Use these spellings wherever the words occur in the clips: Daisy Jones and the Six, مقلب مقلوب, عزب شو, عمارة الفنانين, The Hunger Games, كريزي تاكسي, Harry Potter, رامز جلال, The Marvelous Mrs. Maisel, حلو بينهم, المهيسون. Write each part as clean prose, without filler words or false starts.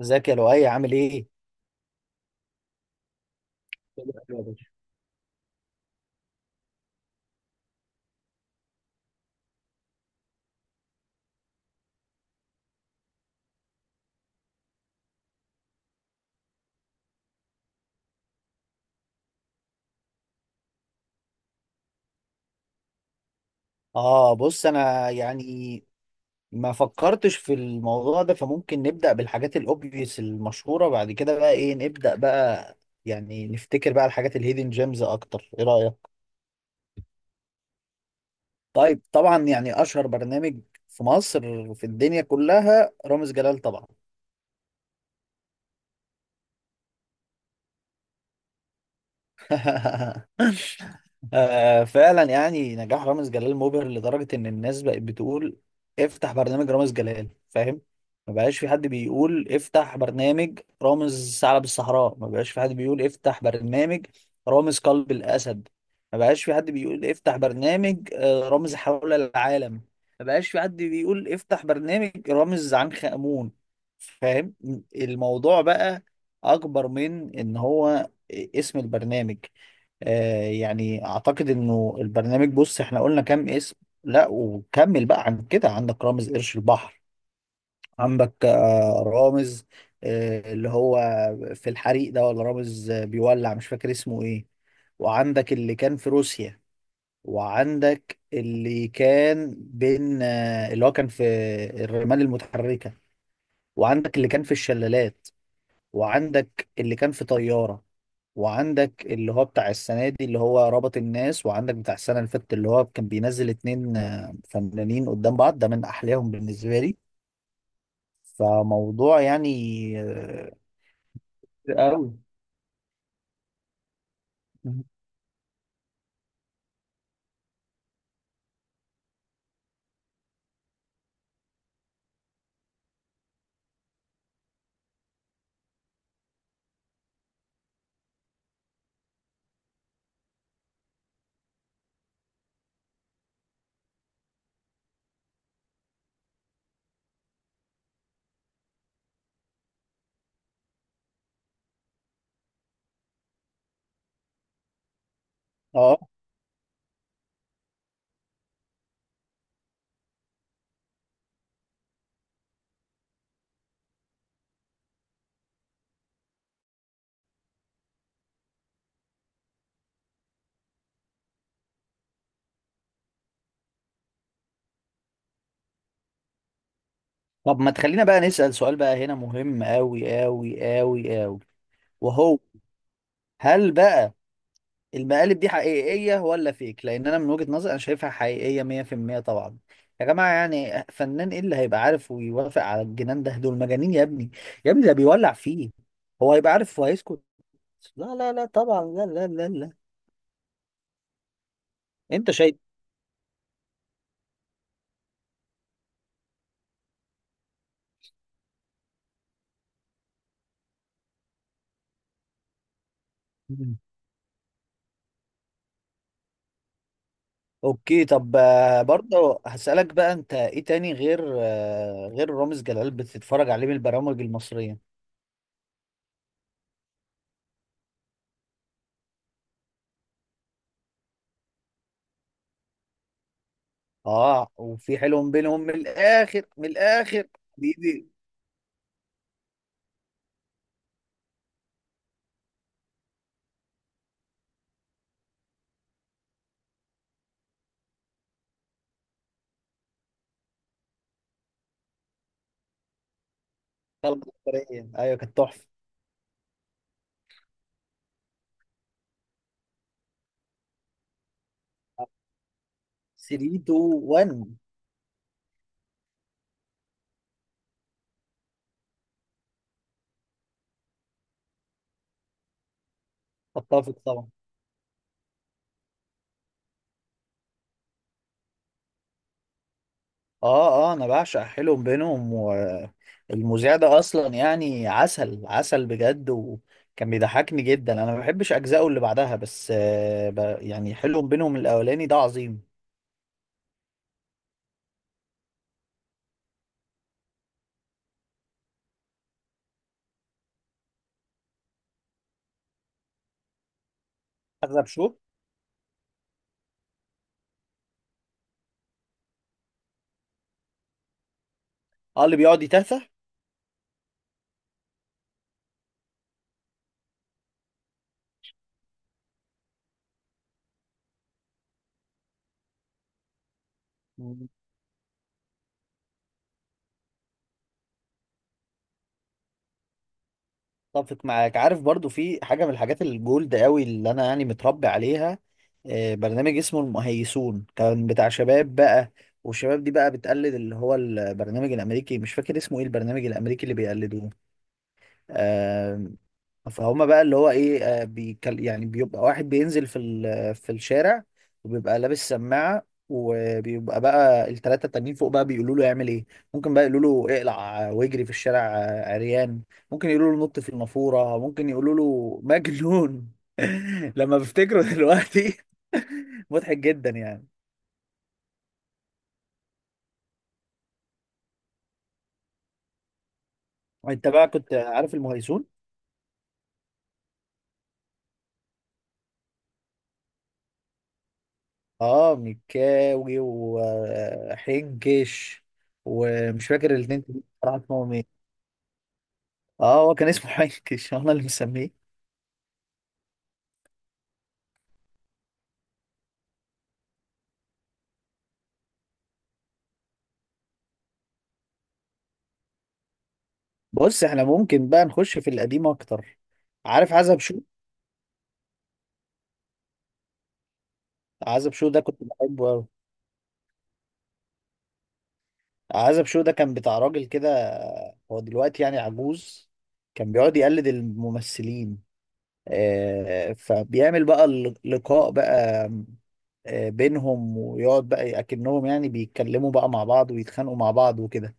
ازيك يا لؤي؟ عامل ايه؟ اه بص انا يعني ما فكرتش في الموضوع ده، فممكن نبدأ بالحاجات الاوبفيس المشهورة، بعد كده بقى ايه نبدأ بقى، يعني نفتكر بقى الحاجات الهيدن جيمز اكتر، ايه رأيك؟ طيب، طبعا يعني اشهر برنامج في مصر، في الدنيا كلها، رامز جلال طبعا. آه، فعلا يعني نجاح رامز جلال مبهر لدرجة إن الناس بقت بتقول افتح برنامج رامز جلال، فاهم؟ ما بقاش في حد بيقول افتح برنامج رامز ثعلب الصحراء، ما بقاش في حد بيقول افتح برنامج رامز قلب الأسد، ما بقاش في حد بيقول افتح برنامج رامز حول العالم، ما بقاش في حد بيقول افتح برنامج رامز عنخ آمون، فاهم؟ الموضوع بقى أكبر من إن هو اسم البرنامج. آه يعني اعتقد انه البرنامج، بص احنا قلنا كام اسم؟ لا وكمل بقى عن كده: عندك رامز قرش البحر، عندك آه رامز، آه اللي هو في الحريق ده، ولا رامز بيولع، مش فاكر اسمه ايه. وعندك اللي كان في روسيا، وعندك اللي كان بين اللي هو كان في الرمال المتحركة، وعندك اللي كان في الشلالات، وعندك اللي كان في طيارة، وعندك اللي هو بتاع السنة دي اللي هو ربط الناس، وعندك بتاع السنة اللي فاتت اللي هو كان بينزل اتنين فنانين قدام بعض، ده من أحلاهم بالنسبة لي. فموضوع يعني آه، كتير قوي. مم. اه طب ما تخلينا بقى نسأل سؤال بقى هنا مهم قوي قوي قوي قوي، وهو هل بقى المقالب دي حقيقية ولا فيك؟ لأن أنا من وجهة نظري أنا شايفها حقيقية 100% طبعا، يا جماعة. يعني فنان إيه اللي هيبقى عارف ويوافق على الجنان ده؟ دول مجانين يا ابني، يا ابني ده بيولع فيه. هو هيبقى عارف وهيسكت؟ لا لا لا طبعا، لا لا لا لا. أنت شايف. مم. أوكي. طب برضه هسألك بقى، أنت إيه تاني غير غير رامز جلال بتتفرج عليه من البرامج المصرية؟ آه، وفي حلو بينهم من الآخر من الآخر. بيدي خلق. أيوه كانت تحفة. 3 2 1. اتفق طبعا. اه اه، انا بعشق حلو بينهم، والمذيع ده اصلا يعني عسل عسل بجد، وكان بيضحكني جدا. انا ما بحبش اجزائه اللي بعدها، بس آه يعني حلو بينهم الاولاني ده عظيم. اغلب شو، اه اللي بيقعد يتهته. اتفق معاك. عارف برضو في حاجة من الحاجات الجولد قوي اللي انا يعني متربي عليها، برنامج اسمه المهيسون، كان بتاع شباب بقى. والشباب دي بقى بتقلد اللي هو البرنامج الامريكي، مش فاكر اسمه ايه البرنامج الامريكي اللي بيقلدوه. آم، فهم بقى اللي هو ايه، بيكل يعني، بيبقى واحد بينزل في الشارع، وبيبقى لابس سماعة، وبيبقى بقى التلاتة التانيين فوق بقى بيقولوا له يعمل ايه. ممكن بقى يقولوا له اقلع واجري في الشارع عريان، ممكن يقولوا له نط في النافورة، ممكن يقولوا له مجنون. لما بفتكره دلوقتي، مضحك جدا يعني. انت بقى كنت عارف المهيسون؟ اه مكاوي وحنكش، ومش فاكر الاتنين كانوا بصراحة اسمهم ايه. اه هو كان اسمه حنكش، انا اللي مسميه. بص احنا ممكن بقى نخش في القديم اكتر. عارف عزب شو؟ عزب شو ده كنت بحبه قوي. عزب شو ده كان بتاع راجل كده، هو دلوقتي يعني عجوز، كان بيقعد يقلد الممثلين. آه، فبيعمل بقى اللقاء بقى بينهم، ويقعد بقى اكنهم يعني بيتكلموا بقى مع بعض ويتخانقوا مع بعض وكده.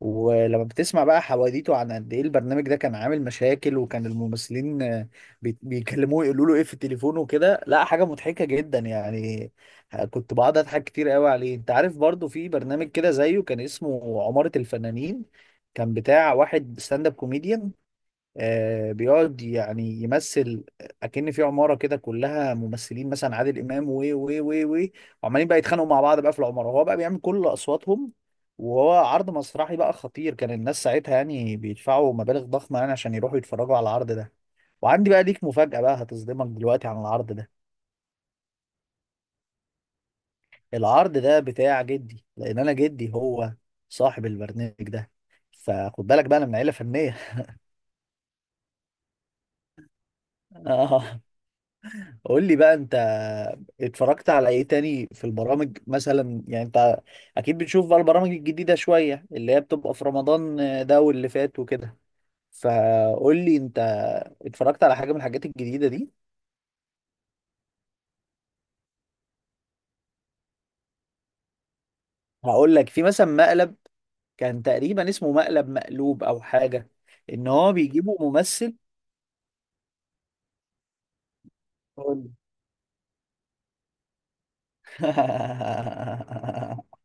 ولما بتسمع بقى حواديته عن قد ايه البرنامج ده كان عامل مشاكل، وكان الممثلين بيكلموه يقولوا له ايه في التليفون وكده، لا حاجة مضحكة جدا يعني. كنت بقعد اضحك كتير قوي عليه. انت عارف برضو في برنامج كده زيه كان اسمه عمارة الفنانين، كان بتاع واحد ستاند اب كوميديان، بيقعد يعني يمثل اكن في عماره كده كلها ممثلين، مثلا عادل امام و وعمالين بقى يتخانقوا مع بعض بقى في العماره، وهو بقى بيعمل كل اصواتهم، وهو عرض مسرحي بقى خطير، كان الناس ساعتها يعني بيدفعوا مبالغ ضخمه يعني عشان يروحوا يتفرجوا على العرض ده. وعندي بقى ليك مفاجاه بقى هتصدمك دلوقتي عن العرض ده: العرض ده بتاع جدي، لان انا جدي هو صاحب البرنامج ده، فخد بالك بقى انا من عيله فنيه. قول لي بقى انت، اتفرجت على ايه تاني في البرامج مثلا؟ يعني انت اكيد بتشوف بقى البرامج الجديدة شوية اللي هي بتبقى في رمضان ده واللي فات وكده، فقول لي انت اتفرجت على حاجة من الحاجات الجديدة دي. هقول لك في مثلا مقلب كان تقريبا اسمه مقلب مقلوب او حاجة، ان هو بيجيبوا ممثل. قول لي.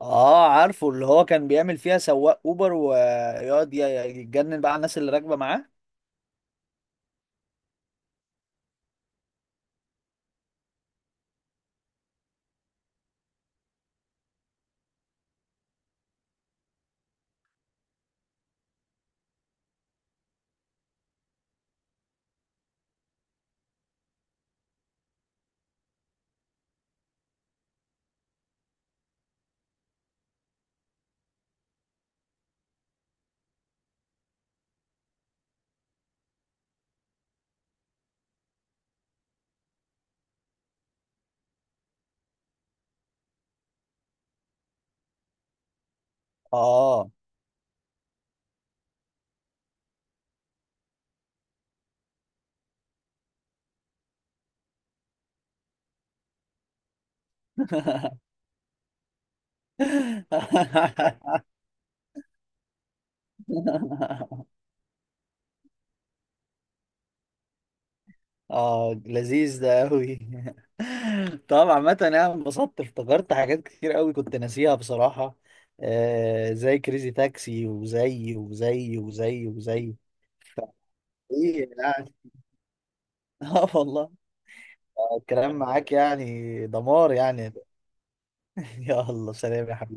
اه عارفه، اللي هو كان بيعمل فيها سواق اوبر ويقعد يتجنن بقى على الناس اللي راكبة معاه. اه. اه لذيذ ده قوي. طبعا عامة انا انبسطت، افتكرت حاجات كتير قوي كنت ناسيها بصراحة، آه زي كريزي تاكسي وزي وزي وزي وزي ايه يعني. اه والله. الكلام معاك يعني دمار يعني. يلا سلام يا حبيبي.